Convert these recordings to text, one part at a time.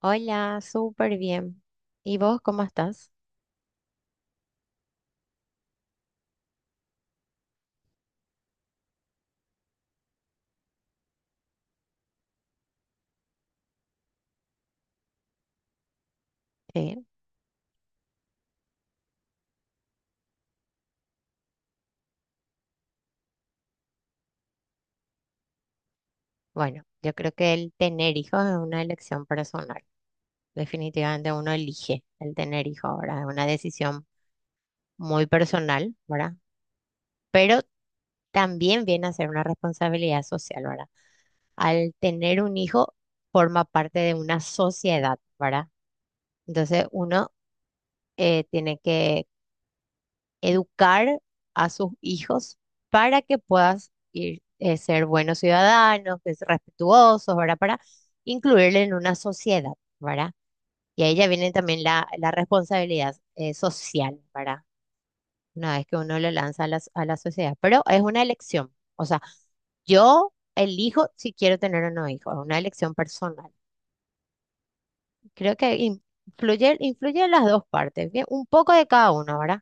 Hola, súper bien. ¿Y vos cómo estás? Sí, bueno, yo creo que el tener hijos es una elección personal. Definitivamente uno elige el tener hijos ahora, es una decisión muy personal, ¿verdad? Pero también viene a ser una responsabilidad social, ¿verdad? Al tener un hijo forma parte de una sociedad, ¿verdad? Entonces uno tiene que educar a sus hijos para que puedas ir, ser buenos ciudadanos, que es respetuosos, ¿verdad? Para incluirle en una sociedad, ¿verdad? Y ahí ya viene también la responsabilidad social, ¿verdad? Una vez que uno lo lanza a la sociedad, pero es una elección, o sea, yo elijo si quiero tener o no hijos, es una elección personal. Creo que influye, influye en las dos partes, bien, un poco de cada uno, ¿verdad?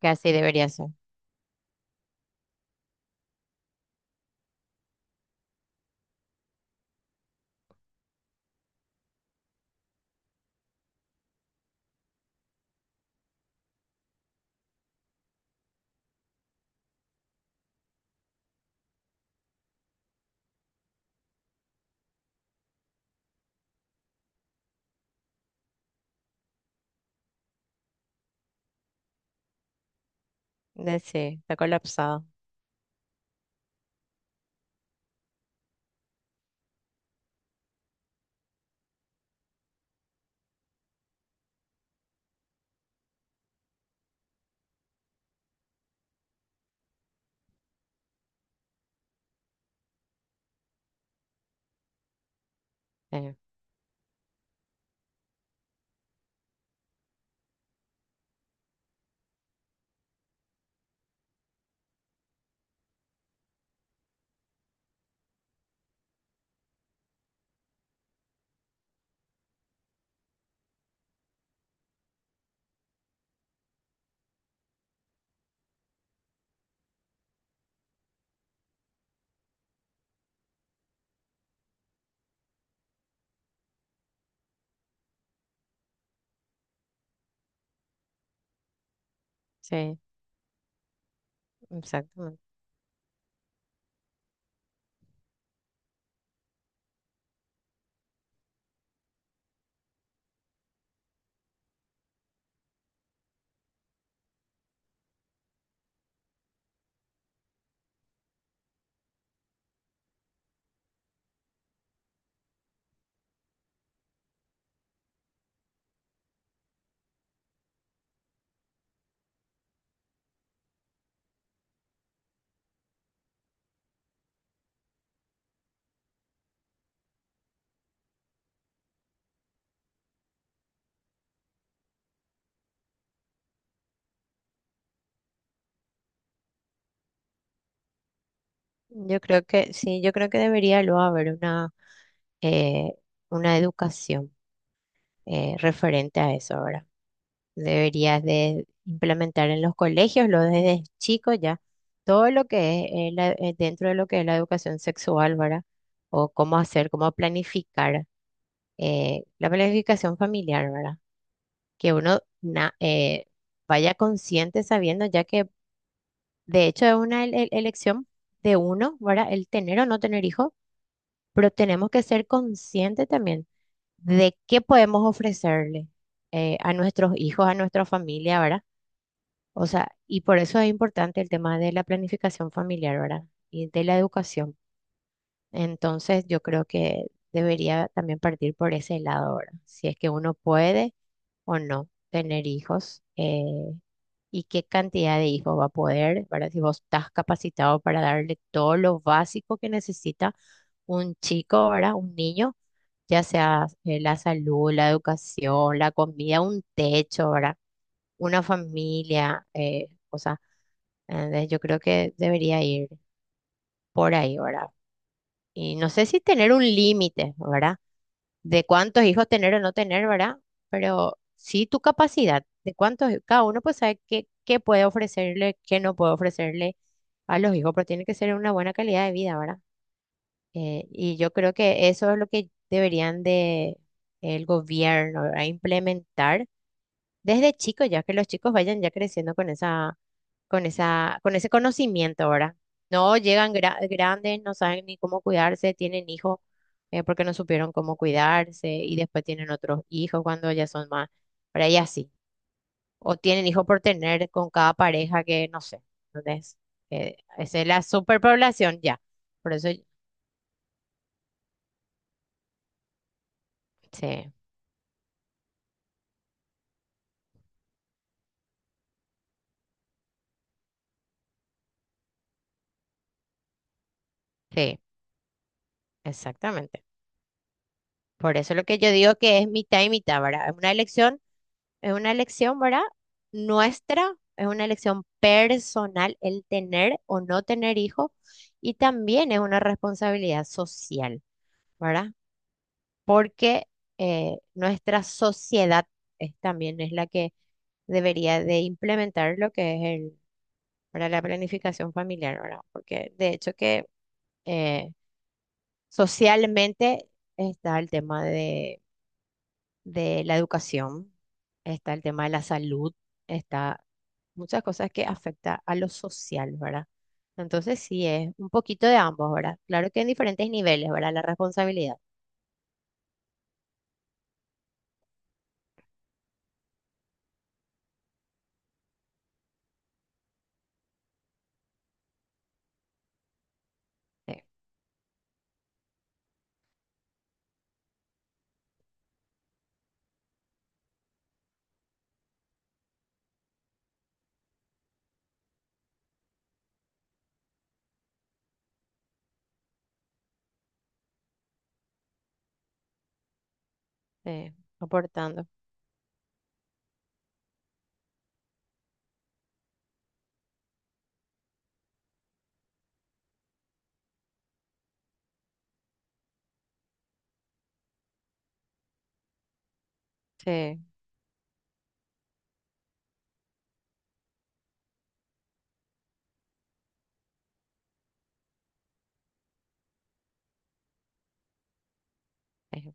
Que así debería ser. Sí, está colapsado. Eh, sí, exactamente. Yo creo que sí, yo creo que debería luego haber eh, una educación referente a eso ahora. Deberías de implementar en los colegios, lo desde chicos ya, todo lo que es dentro de lo que es la educación sexual, ¿verdad? O cómo hacer, cómo planificar la planificación familiar, ¿verdad? Que uno vaya consciente sabiendo ya que de hecho, es una elección de uno, ¿verdad? El tener o no tener hijos, pero tenemos que ser conscientes también de qué podemos ofrecerle a nuestros hijos, a nuestra familia, ¿verdad? O sea, y por eso es importante el tema de la planificación familiar, ¿verdad? Y de la educación. Entonces, yo creo que debería también partir por ese lado, ¿verdad? Si es que uno puede o no tener hijos. Y qué cantidad de hijos va a poder, ¿verdad? Si vos estás capacitado para darle todo lo básico que necesita un chico, ¿verdad? Un niño, ya sea la salud, la educación, la comida, un techo, ¿verdad? Una familia, o sea, yo creo que debería ir por ahí, ¿verdad? Y no sé si tener un límite, ¿verdad? De cuántos hijos tener o no tener, ¿verdad? Pero sí tu capacidad, de cuántos, cada uno pues sabe qué, qué puede ofrecerle, qué no puede ofrecerle a los hijos, pero tiene que ser una buena calidad de vida, ¿verdad? Y yo creo que eso es lo que deberían de el gobierno, ¿verdad? Implementar desde chico, ya que los chicos vayan ya creciendo con esa, con esa, con ese conocimiento, ¿verdad? No llegan grandes, no saben ni cómo cuidarse, tienen hijos porque no supieron cómo cuidarse y después tienen otros hijos cuando ya son más, por ahí así. O tienen hijos por tener con cada pareja que no sé. Entonces, esa es la superpoblación ya. Por eso, sí, sí, exactamente. Por eso lo que yo digo que es mitad y mitad, ¿verdad? Es una elección. Es una elección, ¿verdad? Nuestra, es una elección personal el tener o no tener hijos y también es una responsabilidad social, ¿verdad? Porque nuestra sociedad también es la que debería de implementar lo que es el, ¿verdad? La planificación familiar, ¿verdad? Porque de hecho que eh, socialmente está el tema de la educación, está el tema de la salud, está muchas cosas que afecta a lo social, ¿verdad? Entonces sí, es un poquito de ambos, ¿verdad? Claro que en diferentes niveles, ¿verdad? La responsabilidad. Sí, sí, aportando. Sí, sí.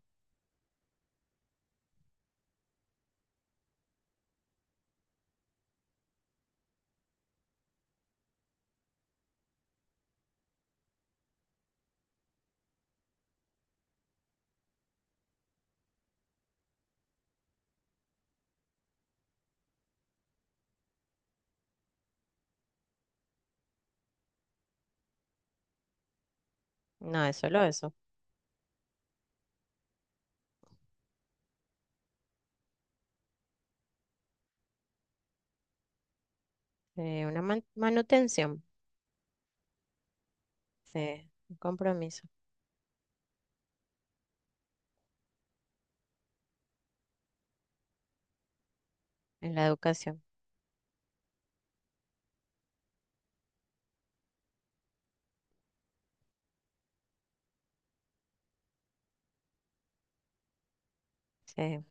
No es solo eso. Una manutención, sí, un compromiso en la educación. Sí,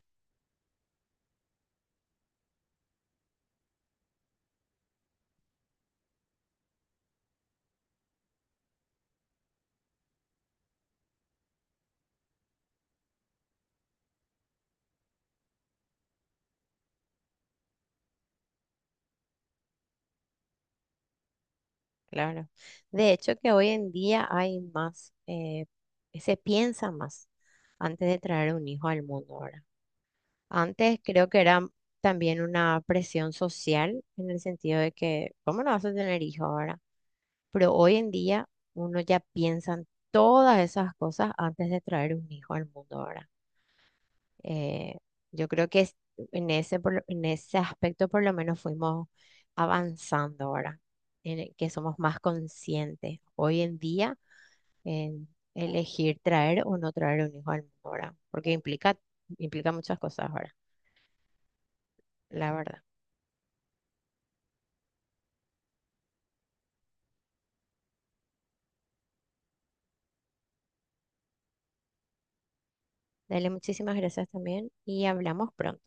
claro. De hecho, que hoy en día hay más, se piensa más antes de traer un hijo al mundo ahora. Antes creo que era también una presión social en el sentido de que, ¿cómo no vas a tener hijo ahora? Pero hoy en día uno ya piensa en todas esas cosas antes de traer un hijo al mundo ahora. Eh, yo creo que en ese, en ese aspecto por lo menos fuimos avanzando ahora, en el que somos más conscientes hoy en día en elegir traer o no traer un hijo al mundo ahora, porque implica, implica muchas cosas ahora, la verdad. Dale, muchísimas gracias también y hablamos pronto.